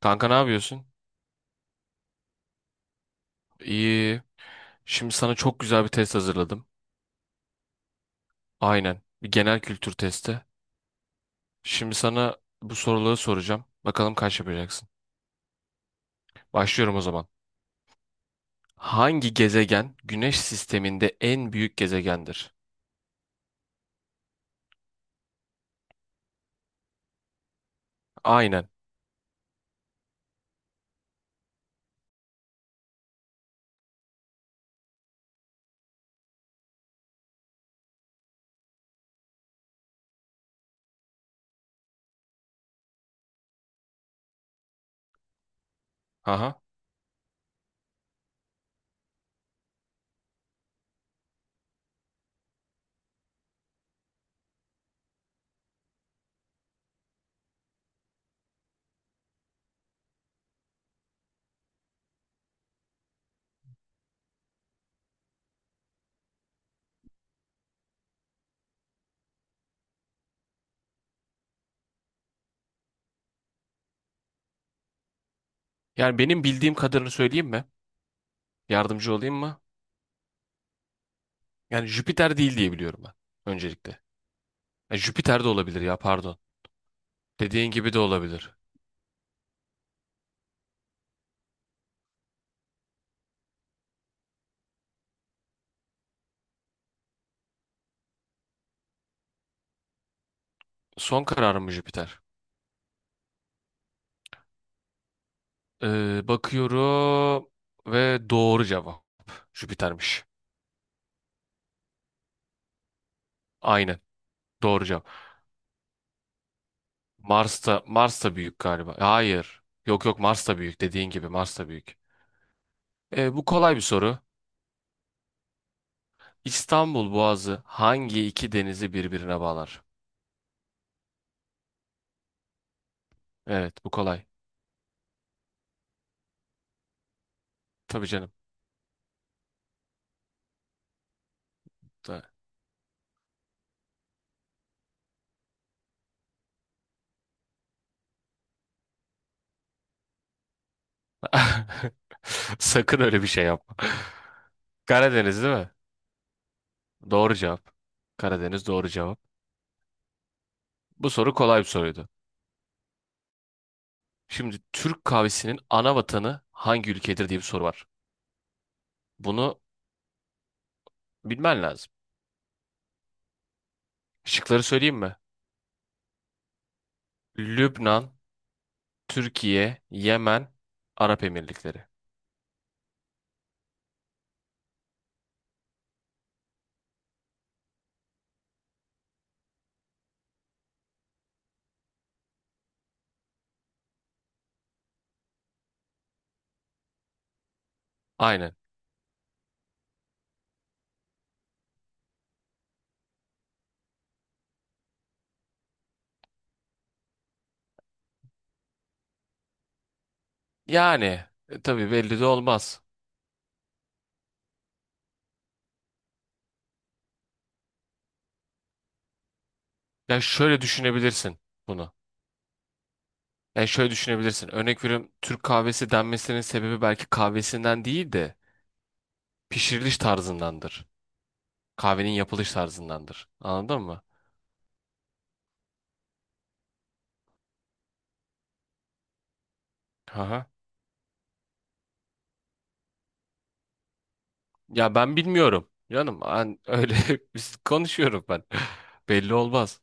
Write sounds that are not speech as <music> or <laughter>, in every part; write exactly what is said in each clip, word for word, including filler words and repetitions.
Kanka ne yapıyorsun? İyi. Şimdi sana çok güzel bir test hazırladım. Aynen. Bir genel kültür testi. Şimdi sana bu soruları soracağım. Bakalım kaç yapacaksın. Başlıyorum o zaman. Hangi gezegen Güneş sisteminde en büyük gezegendir? Aynen. Aha. Yani benim bildiğim kadarını söyleyeyim mi? Yardımcı olayım mı? Yani Jüpiter değil diye biliyorum ben. Öncelikle. Ya Jüpiter de olabilir ya pardon. Dediğin gibi de olabilir. Son kararım mı Jüpiter? Ee, bakıyorum ve doğru cevap. Jüpiter'miş. Aynen. Doğru cevap. Mars'ta Mars'ta büyük galiba. Hayır. Yok yok Mars'ta büyük. Dediğin gibi Mars'ta büyük. Ee, bu kolay bir soru. İstanbul Boğazı hangi iki denizi birbirine bağlar? Evet, bu kolay. Tabii canım. Ta- <laughs> Sakın öyle bir şey yapma. Karadeniz değil mi? Doğru cevap. Karadeniz doğru cevap. Bu soru kolay bir soruydu. Şimdi Türk kahvesinin ana vatanı hangi ülkedir diye bir soru var. Bunu bilmen lazım. Şıkları söyleyeyim mi? Lübnan, Türkiye, Yemen, Arap Emirlikleri. Aynen. Yani e, tabii belli de olmaz. Ya şöyle düşünebilirsin bunu. Yani şöyle düşünebilirsin. Örnek veriyorum, Türk kahvesi denmesinin sebebi belki kahvesinden değil de pişiriliş tarzındandır. Kahvenin yapılış tarzındandır. Anladın mı? Aha. Ya ben bilmiyorum. Canım ben öyle <laughs> biz konuşuyorum ben. <laughs> Belli olmaz.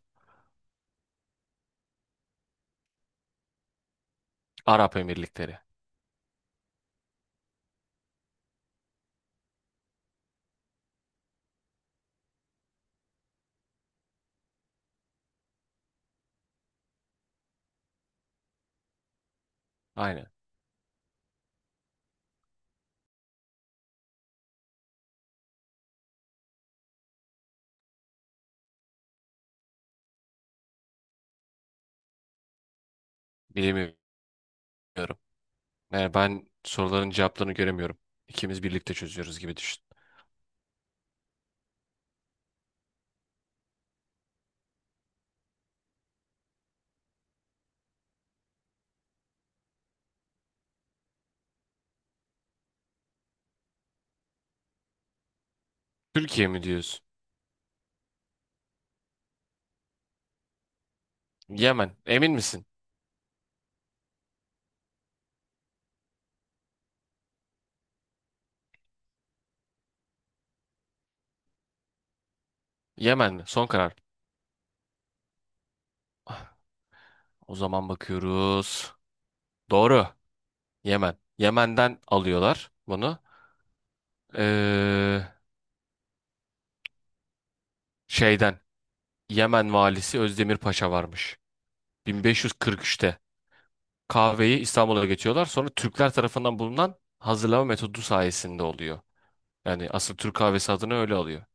Arap Emirlikleri. Aynen. Bilmiyorum. Yani ben soruların cevaplarını göremiyorum. İkimiz birlikte çözüyoruz gibi düşün. Türkiye mi diyorsun? Yemen. Emin misin? Yemen mi? Son karar. Ah, o zaman bakıyoruz. Doğru. Yemen. Yemen'den alıyorlar bunu. Ee, Şeyden. Yemen valisi Özdemir Paşa varmış. bin beş yüz kırk üçte. Kahveyi İstanbul'a getiriyorlar. Sonra Türkler tarafından bulunan hazırlama metodu sayesinde oluyor. Yani asıl Türk kahvesi adını öyle alıyor.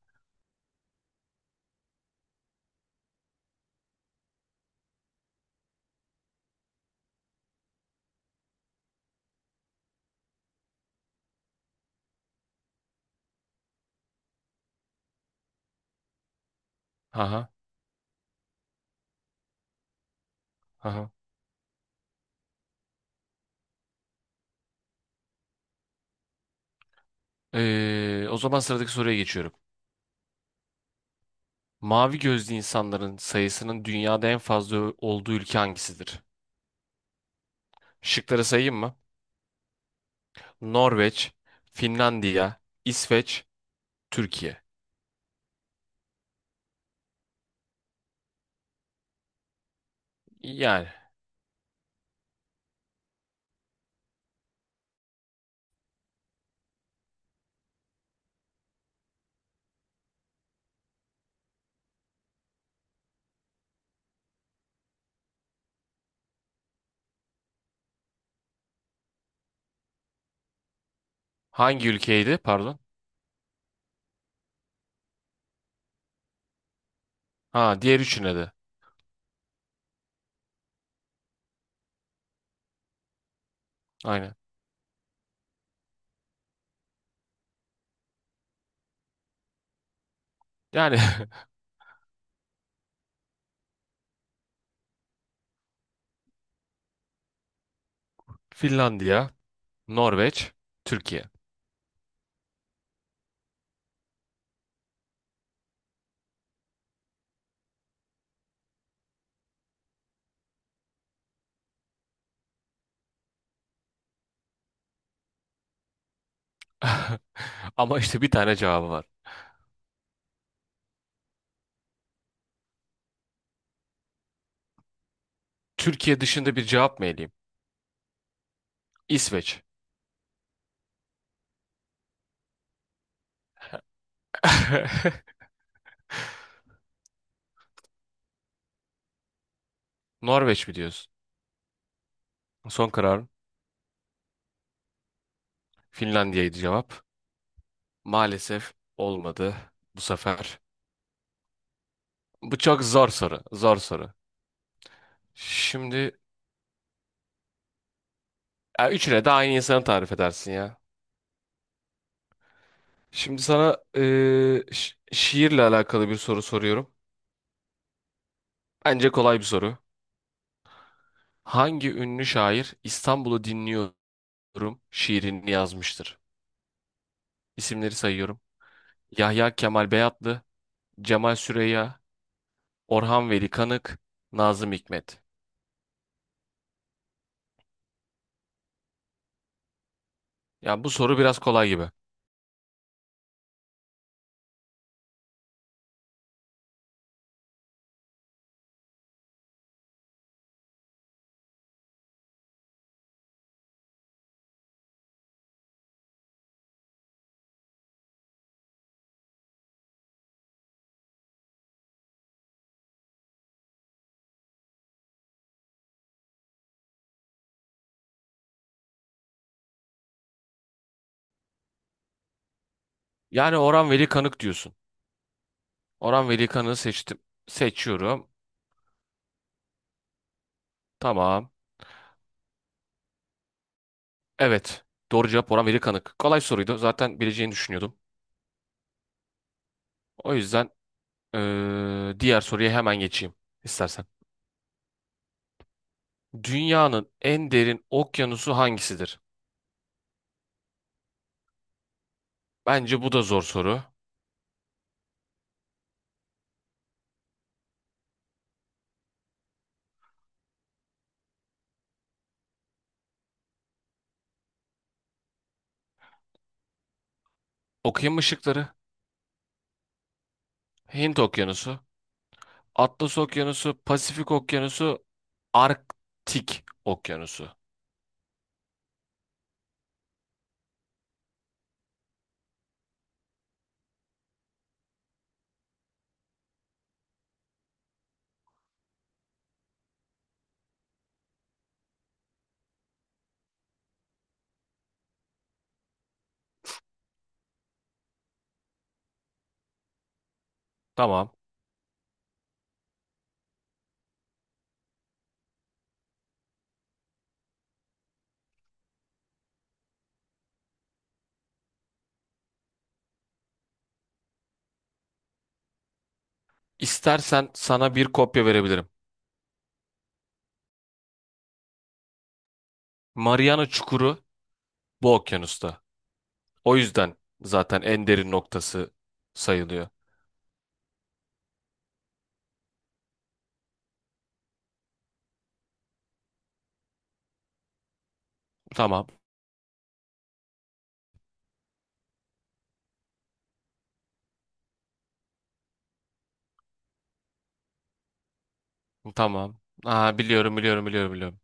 Aha, aha. Ee, o zaman sıradaki soruya geçiyorum. Mavi gözlü insanların sayısının dünyada en fazla olduğu ülke hangisidir? Şıkları sayayım mı? Norveç, Finlandiya, İsveç, Türkiye. Yani hangi ülkeydi? Pardon. Ha diğer üçüne de. Aynen. Yani <laughs> Finlandiya, Norveç, Türkiye. <laughs> Ama işte bir tane cevabı var. Türkiye dışında bir cevap mı eleyeyim? İsveç. <laughs> Norveç mi diyorsun? Son kararım. Finlandiya'ydı cevap. Maalesef olmadı bu sefer. Bu çok zor soru. Zor soru. Şimdi ya üçüne de aynı insanı tarif edersin ya. Şimdi sana eee, şi- şiirle alakalı bir soru soruyorum. Bence kolay bir soru. Hangi ünlü şair İstanbul'u dinliyorum şiirini yazmıştır? İsimleri sayıyorum. Yahya Kemal Beyatlı, Cemal Süreya, Orhan Veli Kanık, Nazım Hikmet. Ya bu soru biraz kolay gibi. Yani Orhan Veli Kanık diyorsun. Orhan Veli Kanık'ı seçtim. Seçiyorum. Tamam. Evet. Doğru cevap Orhan Veli Kanık. Kolay soruydu. Zaten bileceğini düşünüyordum. O yüzden eee, diğer soruya hemen geçeyim istersen. Dünyanın en derin okyanusu hangisidir? Bence bu da zor soru. Okyanus ışıkları, Hint Okyanusu, Atlas Okyanusu, Pasifik Okyanusu, Arktik Okyanusu. Tamam. İstersen sana bir kopya verebilirim. Mariana Çukuru bu okyanusta. O yüzden zaten en derin noktası sayılıyor. Tamam, tamam. Aa, biliyorum, biliyorum, biliyorum, biliyorum.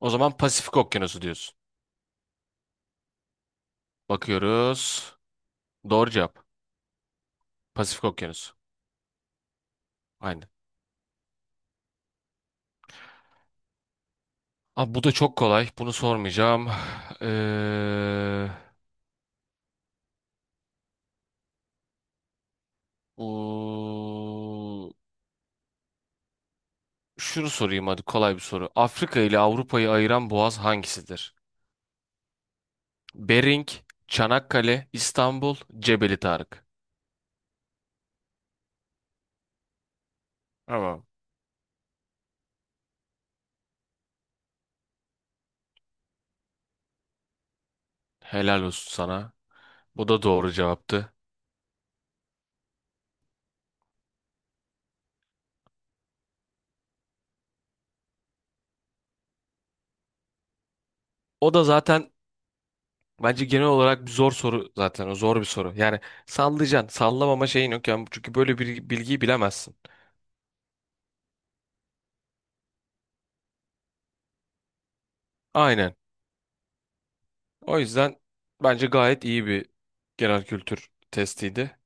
O zaman Pasifik Okyanusu diyorsun. Bakıyoruz. Doğru cevap. Pasifik Okyanusu. Aynen. Abi bu da çok kolay. Bunu sormayacağım. <sighs> Ee, Oo, şunu sorayım hadi, kolay bir soru. Afrika ile Avrupa'yı ayıran boğaz hangisidir? Bering, Çanakkale, İstanbul, Cebeli Tarık. Tamam. Helal olsun sana. Bu da doğru cevaptı. O da zaten bence genel olarak bir zor soru zaten. O zor bir soru. Yani sallayacaksın. Sallamama şeyin yok. Yani çünkü böyle bir bilgiyi bilemezsin. Aynen. O yüzden bence gayet iyi bir genel kültür testiydi.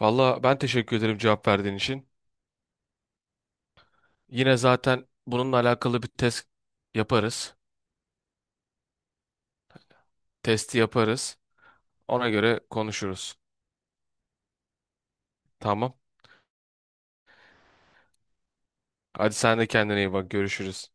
Valla ben teşekkür ederim cevap verdiğin için. Yine zaten bununla alakalı bir test yaparız. Testi yaparız. Ona göre konuşuruz. Tamam. Hadi sen de kendine iyi bak. Görüşürüz.